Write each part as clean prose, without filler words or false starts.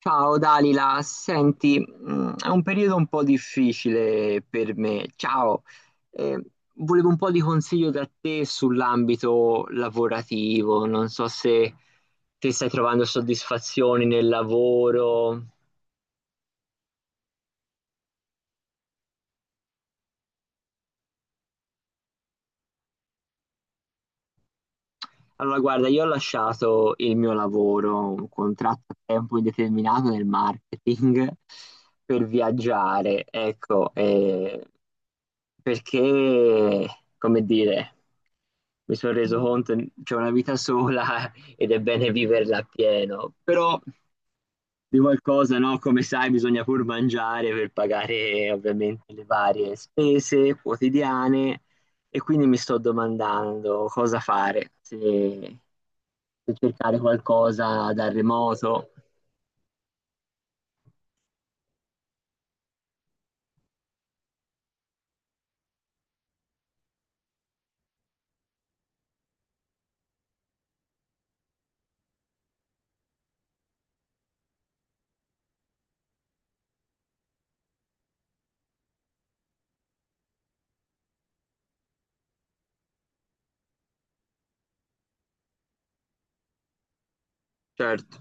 Ciao Dalila, senti, è un periodo un po' difficile per me. Ciao. Eh, Volevo un po' di consiglio da te sull'ambito lavorativo. Non so se ti stai trovando soddisfazioni nel lavoro. Allora, guarda, io ho lasciato il mio lavoro, un contratto a tempo indeterminato nel marketing per viaggiare, ecco, perché, come dire, mi sono reso conto che c'è una vita sola ed è bene viverla appieno, però di qualcosa, no? Come sai, bisogna pur mangiare per pagare ovviamente le varie spese quotidiane e quindi mi sto domandando cosa fare, se per cercare qualcosa dal remoto. Certo,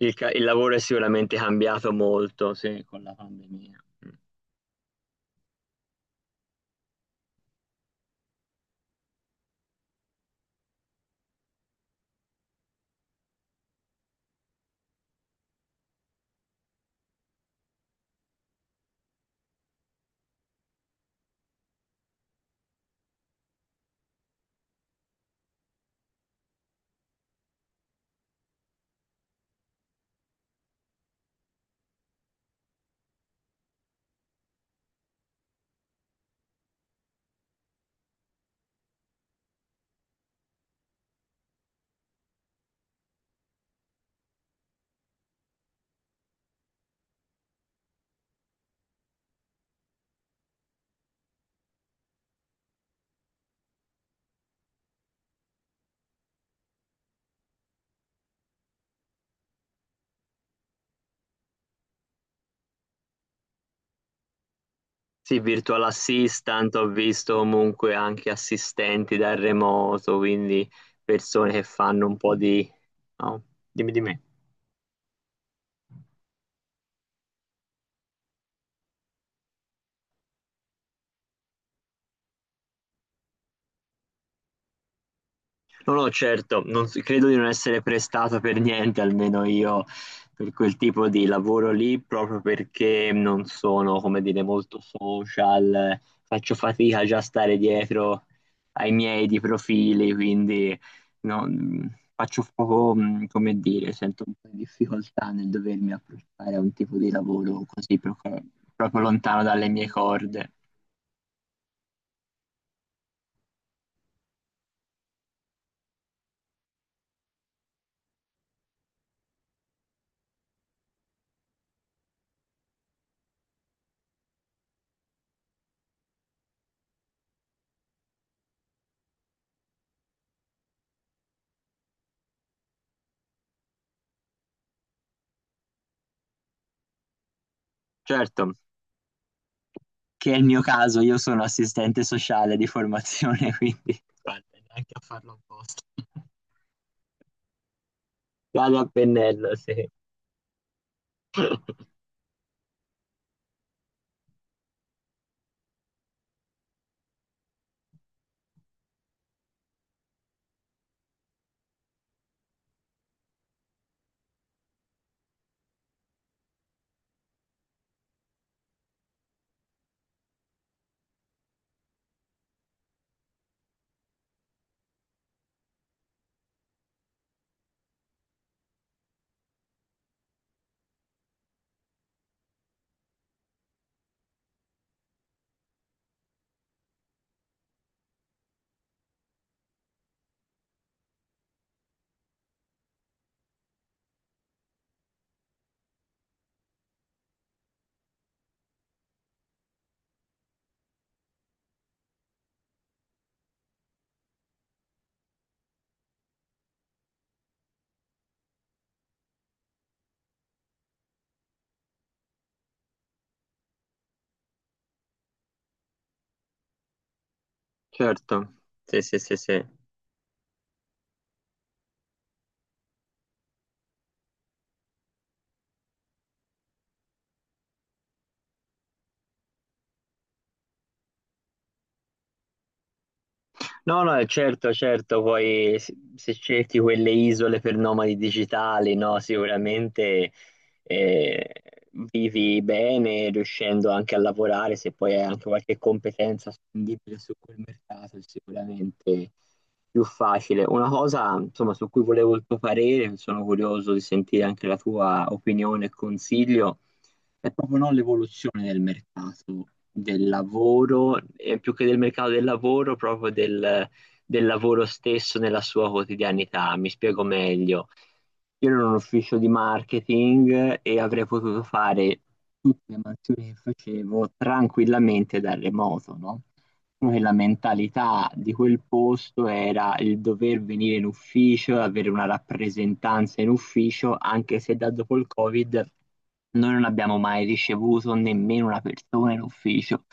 il lavoro è sicuramente cambiato molto, sì, con la pandemia. Mm. Sì, virtual assistant, ho visto comunque anche assistenti dal remoto, quindi persone che fanno un po' di. No, dimmi di me. No, no, certo, non s- credo di non essere prestato per niente, almeno io, per quel tipo di lavoro lì, proprio perché non sono, come dire, molto social, faccio fatica già a stare dietro ai miei di profili, quindi no, faccio poco, come dire, sento un po' di difficoltà nel dovermi approcciare a un tipo di lavoro così proprio lontano dalle mie corde. Certo, che è il mio caso, io sono assistente sociale di formazione, quindi guarda, neanche a farlo apposta. Vado a pennello, sì. Certo, sì, sì, sì, sì. No, no, certo, certo, poi se cerchi quelle isole per nomadi digitali, no, sicuramente eh, vivi bene riuscendo anche a lavorare, se poi hai anche qualche competenza spendibile su quel mercato, è sicuramente più facile. Una cosa, insomma, su cui volevo il tuo parere, sono curioso di sentire anche la tua opinione e consiglio è proprio no, l'evoluzione del mercato del lavoro, e più che del mercato del lavoro, proprio del lavoro stesso nella sua quotidianità. Mi spiego meglio. Io ero in un ufficio di marketing e avrei potuto fare tutte le mansioni che facevo tranquillamente da remoto, no? Diciamo, che la mentalità di quel posto era il dover venire in ufficio, avere una rappresentanza in ufficio, anche se da dopo il Covid noi non abbiamo mai ricevuto nemmeno una persona in ufficio,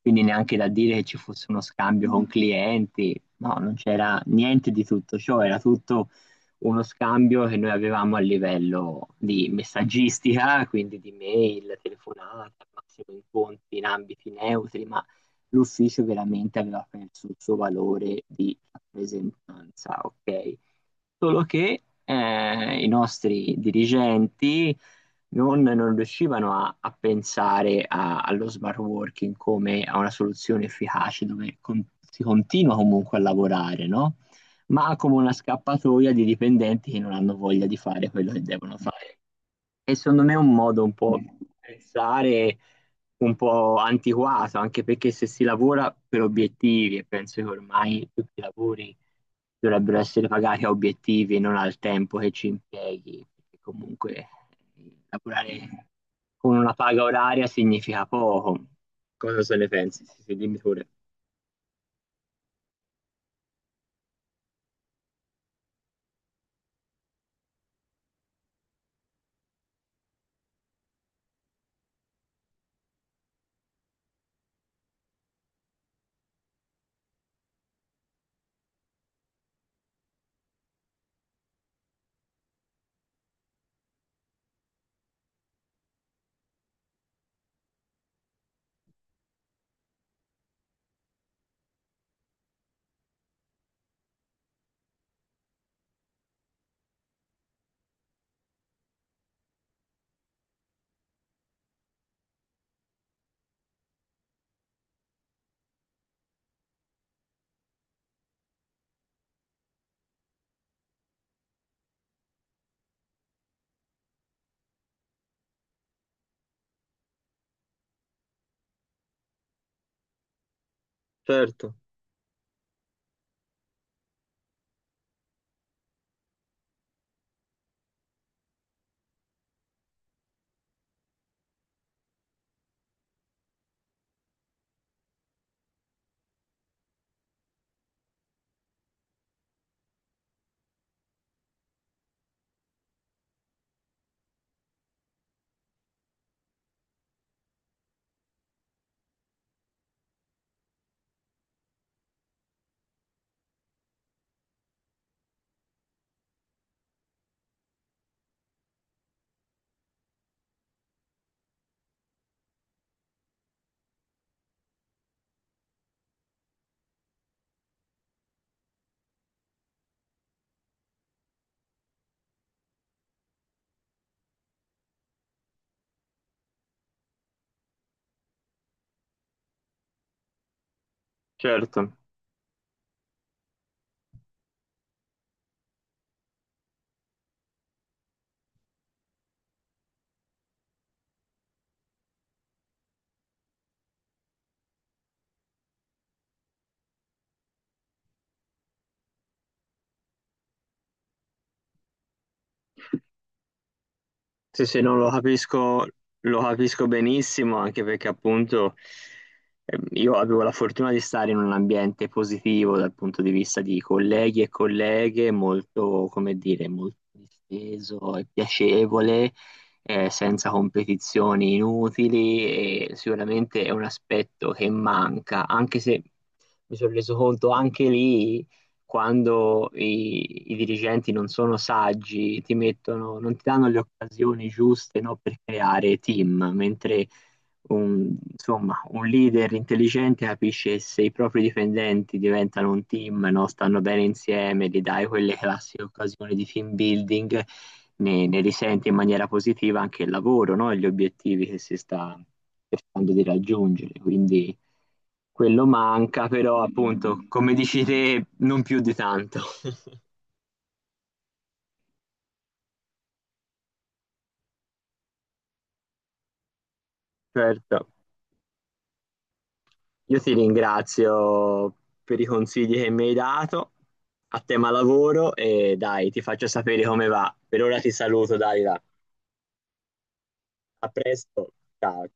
quindi neanche da dire che ci fosse uno scambio con clienti, no, non c'era niente di tutto ciò, era tutto uno scambio che noi avevamo a livello di messaggistica, quindi di mail, telefonata, al massimo incontri in ambiti neutri, ma l'ufficio veramente aveva perso il suo valore di rappresentanza, ok? Solo che i nostri dirigenti non riuscivano a pensare allo smart working come a una soluzione efficace dove si continua comunque a lavorare, no? Ma come una scappatoia di dipendenti che non hanno voglia di fare quello che devono fare. E secondo me è un modo un po' di pensare un po' antiquato, anche perché se si lavora per obiettivi, e penso che ormai tutti i lavori dovrebbero essere pagati a obiettivi e non al tempo che ci impieghi, perché comunque lavorare con una paga oraria significa poco. Cosa se ne pensi? Sì, sì, dimmi pure. Certo, certo. Sì, sì, no, lo capisco benissimo, anche perché appunto io avevo la fortuna di stare in un ambiente positivo dal punto di vista di colleghi e colleghe, molto, come dire, molto disteso e piacevole, senza competizioni inutili e sicuramente è un aspetto che manca, anche se mi sono reso conto anche lì quando i dirigenti non sono saggi, ti mettono, non ti danno le occasioni giuste, no, per creare team, mentre insomma, un leader intelligente capisce se i propri dipendenti diventano un team, no? Stanno bene insieme, gli dai quelle classiche occasioni di team building, ne risente in maniera positiva anche il lavoro, no? E gli obiettivi che si sta cercando di raggiungere. Quindi quello manca, però appunto, come dici te, non più di tanto. Certo. Io ti ringrazio per i consigli che mi hai dato a tema lavoro e dai, ti faccio sapere come va. Per ora ti saluto, Dalila. A presto. Ciao.